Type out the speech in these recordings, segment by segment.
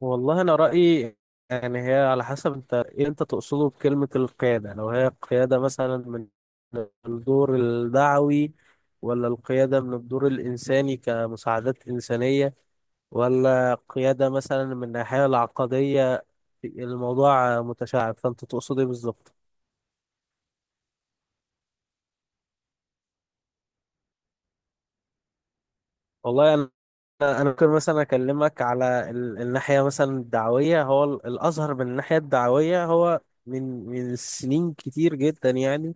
والله انا رايي، يعني هي على حسب انت ايه انت تقصده بكلمه القياده، لو هي قياده مثلا من الدور الدعوي، ولا القياده من الدور الانساني كمساعدات انسانيه، ولا قياده مثلا من الناحيه العقديه. الموضوع متشعب، فانت تقصد ايه بالظبط؟ والله انا ممكن مثلا اكلمك على الناحيه مثلا الدعويه. هو الازهر من الناحيه الدعويه هو من سنين كتير جدا، يعني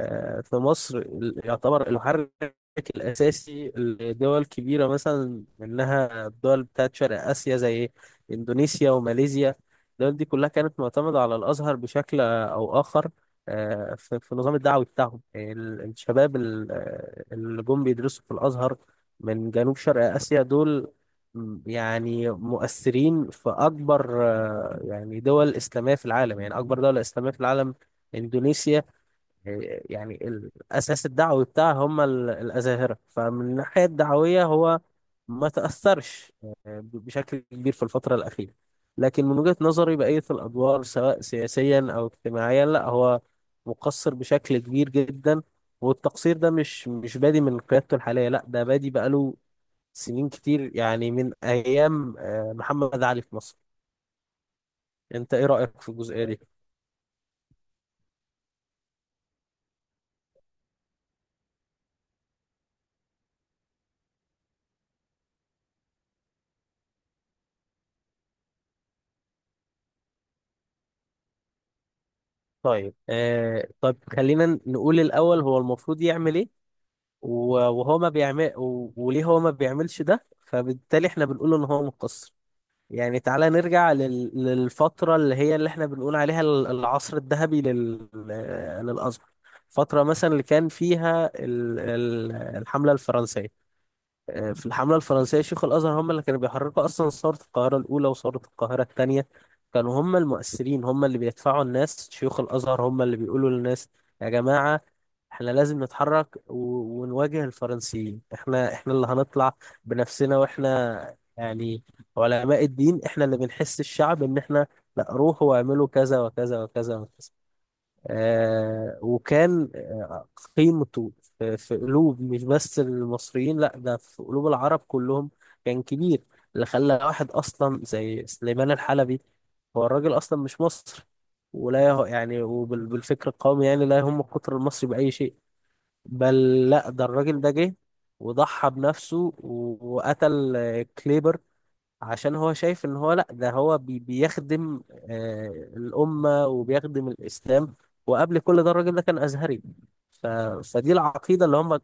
في مصر يعتبر المحرك الأساسي لدول كبيرة، مثلا منها الدول بتاعت شرق آسيا زي إندونيسيا وماليزيا. الدول دي كلها كانت معتمدة على الأزهر بشكل أو آخر، في النظام الدعوي بتاعهم. يعني الشباب اللي جم بيدرسوا في الأزهر من جنوب شرق آسيا دول، يعني مؤثرين في أكبر يعني دول إسلامية في العالم. يعني أكبر دولة إسلامية في العالم إندونيسيا، يعني الأساس الدعوي بتاعها هم الأزاهرة. فمن الناحية الدعوية هو ما تأثرش بشكل كبير في الفترة الأخيرة، لكن من وجهة نظري بقية الأدوار سواء سياسيا أو اجتماعيا، لا هو مقصر بشكل كبير جدا. والتقصير ده مش بادي من قيادته الحالية، لا ده بادي بقاله سنين كتير، يعني من أيام محمد علي في مصر. أنت إيه رأيك في الجزئية دي؟ طيب آه طب خلينا نقول الأول، هو المفروض يعمل إيه وهو ما بيعمل وليه هو ما بيعملش ده، فبالتالي احنا بنقول ان هو مقصر. يعني تعالى نرجع للفترة اللي هي اللي احنا بنقول عليها العصر الذهبي للأزهر، فترة مثلا اللي كان فيها الحملة الفرنسية. في الحملة الفرنسية شيوخ الأزهر هم اللي كانوا بيحركوا أصلا ثورة القاهرة الأولى وثورة القاهرة الثانية. كانوا هم المؤثرين، هم اللي بيدفعوا الناس، شيوخ الأزهر هم اللي بيقولوا للناس: يا جماعة، احنا لازم نتحرك ونواجه الفرنسيين. احنا اللي هنطلع بنفسنا، واحنا يعني علماء الدين، احنا اللي بنحس الشعب ان احنا لا، روحوا واعملوا كذا وكذا وكذا وكذا. وكان قيمته في قلوب مش بس المصريين، لا ده في قلوب العرب كلهم، كان كبير. اللي خلى واحد اصلا زي سليمان الحلبي، هو الراجل اصلا مش مصري ولا يعني، وبالفكر القومي يعني لا يهم القطر المصري بأي شيء. بل لا ده الراجل ده جه وضحى بنفسه وقتل كليبر، عشان هو شايف ان هو لا ده هو بيخدم آه الأمة وبيخدم الإسلام. وقبل كل ده الراجل ده كان أزهري. ف فدي العقيدة اللي هم.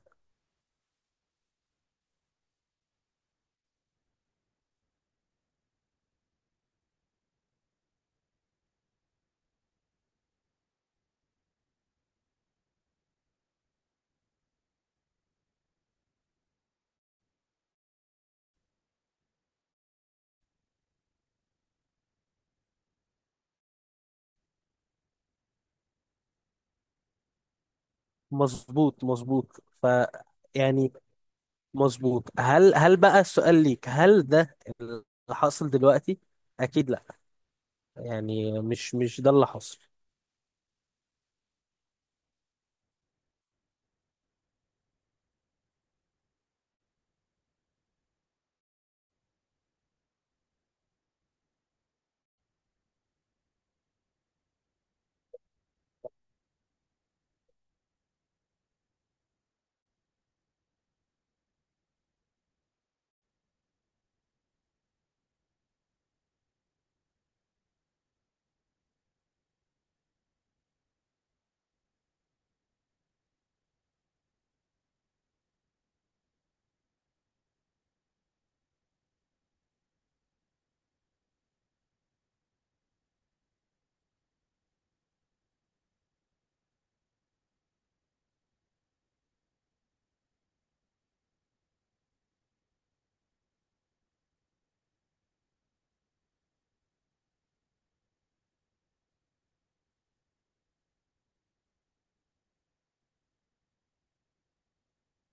مظبوط، مظبوط. يعني مظبوط. هل بقى السؤال ليك، هل ده اللي حاصل دلوقتي؟ أكيد لا. يعني مش ده اللي حاصل.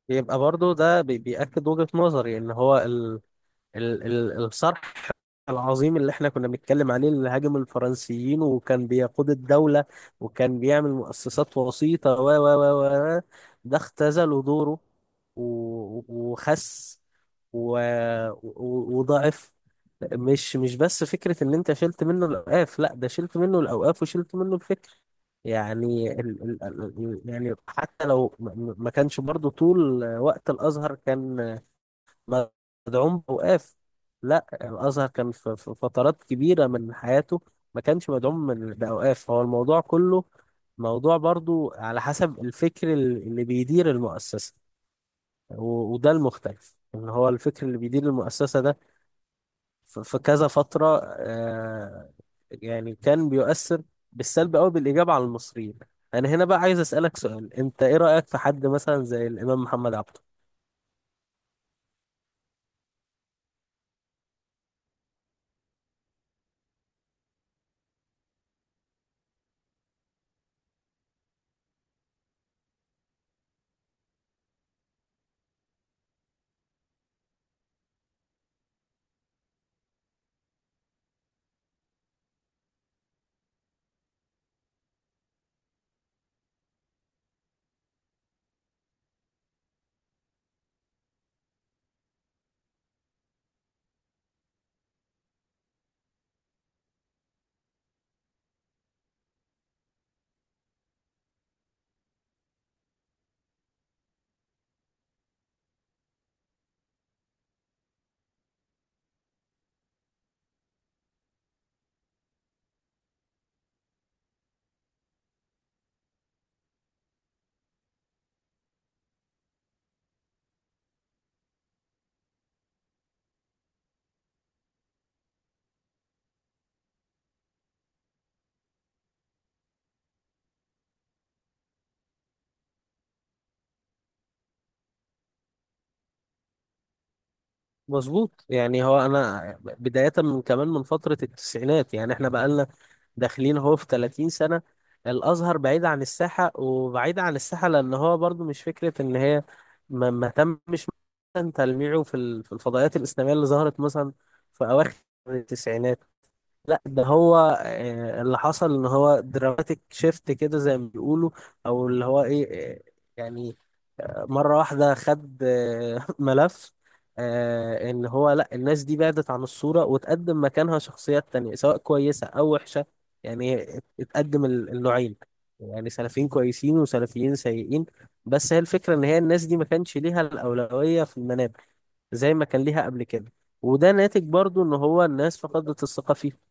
يبقى برضو ده بيأكد وجهة نظري ان هو ال ال ال الصرح العظيم اللي احنا كنا بنتكلم عليه، اللي هاجم الفرنسيين وكان بيقود الدولة وكان بيعمل مؤسسات وسيطة و و و و ده اختزلوا دوره و- وخس و... وضعف. مش بس فكرة ان انت شلت منه الاوقاف، لا ده شلت منه الاوقاف وشلت منه الفكر. يعني يعني حتى لو ما كانش برضو طول وقت الازهر كان مدعوم بأوقاف، لا الأزهر كان في فترات كبيرة من حياته ما كانش مدعوم بأوقاف. هو الموضوع كله موضوع برضو على حسب الفكر اللي بيدير المؤسسة، وده المختلف إن هو الفكر اللي بيدير المؤسسة ده في كذا فترة يعني كان بيؤثر بالسلب أو بالإيجاب على المصريين. أنا هنا بقى عايز أسألك سؤال، أنت إيه رأيك في حد مثلا زي الإمام محمد عبد؟ مظبوط. يعني هو انا بداية من كمان من فترة التسعينات، يعني احنا بقالنا داخلين هو في 30 سنة الازهر بعيد عن الساحة. وبعيد عن الساحة لان هو برضو مش فكرة ان هي ما تمش مثلا تلميعه في في الفضائيات الاسلامية اللي ظهرت مثلا في اواخر التسعينات. لا ده هو اللي حصل ان هو دراماتيك شيفت كده زي ما بيقولوا، او اللي هو ايه يعني مرة واحدة خد ملف ان هو لا الناس دي بعدت عن الصورة وتقدم مكانها شخصيات تانية سواء كويسة او وحشة. يعني اتقدم النوعين، يعني سلفيين كويسين وسلفيين سيئين. بس هي الفكرة ان هي الناس دي ما كانش ليها الأولوية في المنابر زي ما كان ليها قبل كده. وده ناتج برضو ان هو الناس فقدت الثقة فيه.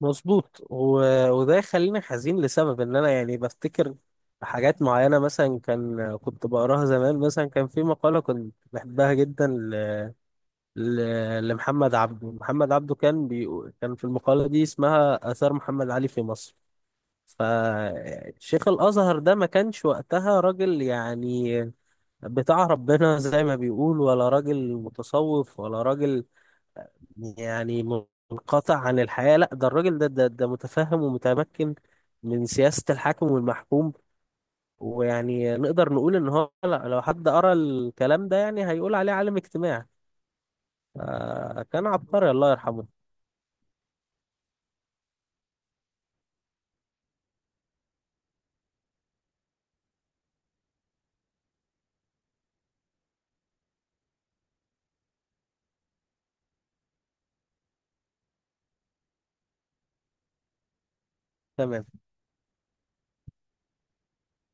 مظبوط. وده يخليني حزين لسبب ان انا يعني بفتكر حاجات معينة، مثلا كان كنت بقراها زمان. مثلا كان في مقالة كنت بحبها جدا لمحمد عبده. محمد عبده كان بيقول، كان في المقالة دي اسمها آثار محمد علي في مصر، فشيخ الأزهر ده ما كانش وقتها راجل يعني بتاع ربنا زي ما بيقول، ولا راجل متصوف، ولا راجل يعني منقطع عن الحياة. لا ده الراجل ده, متفهم ومتمكن من سياسة الحاكم والمحكوم. ويعني نقدر نقول ان هو لا، لو حد قرأ الكلام ده يعني هيقول عليه عالم اجتماع. كان عبقري، الله يرحمه. تمام.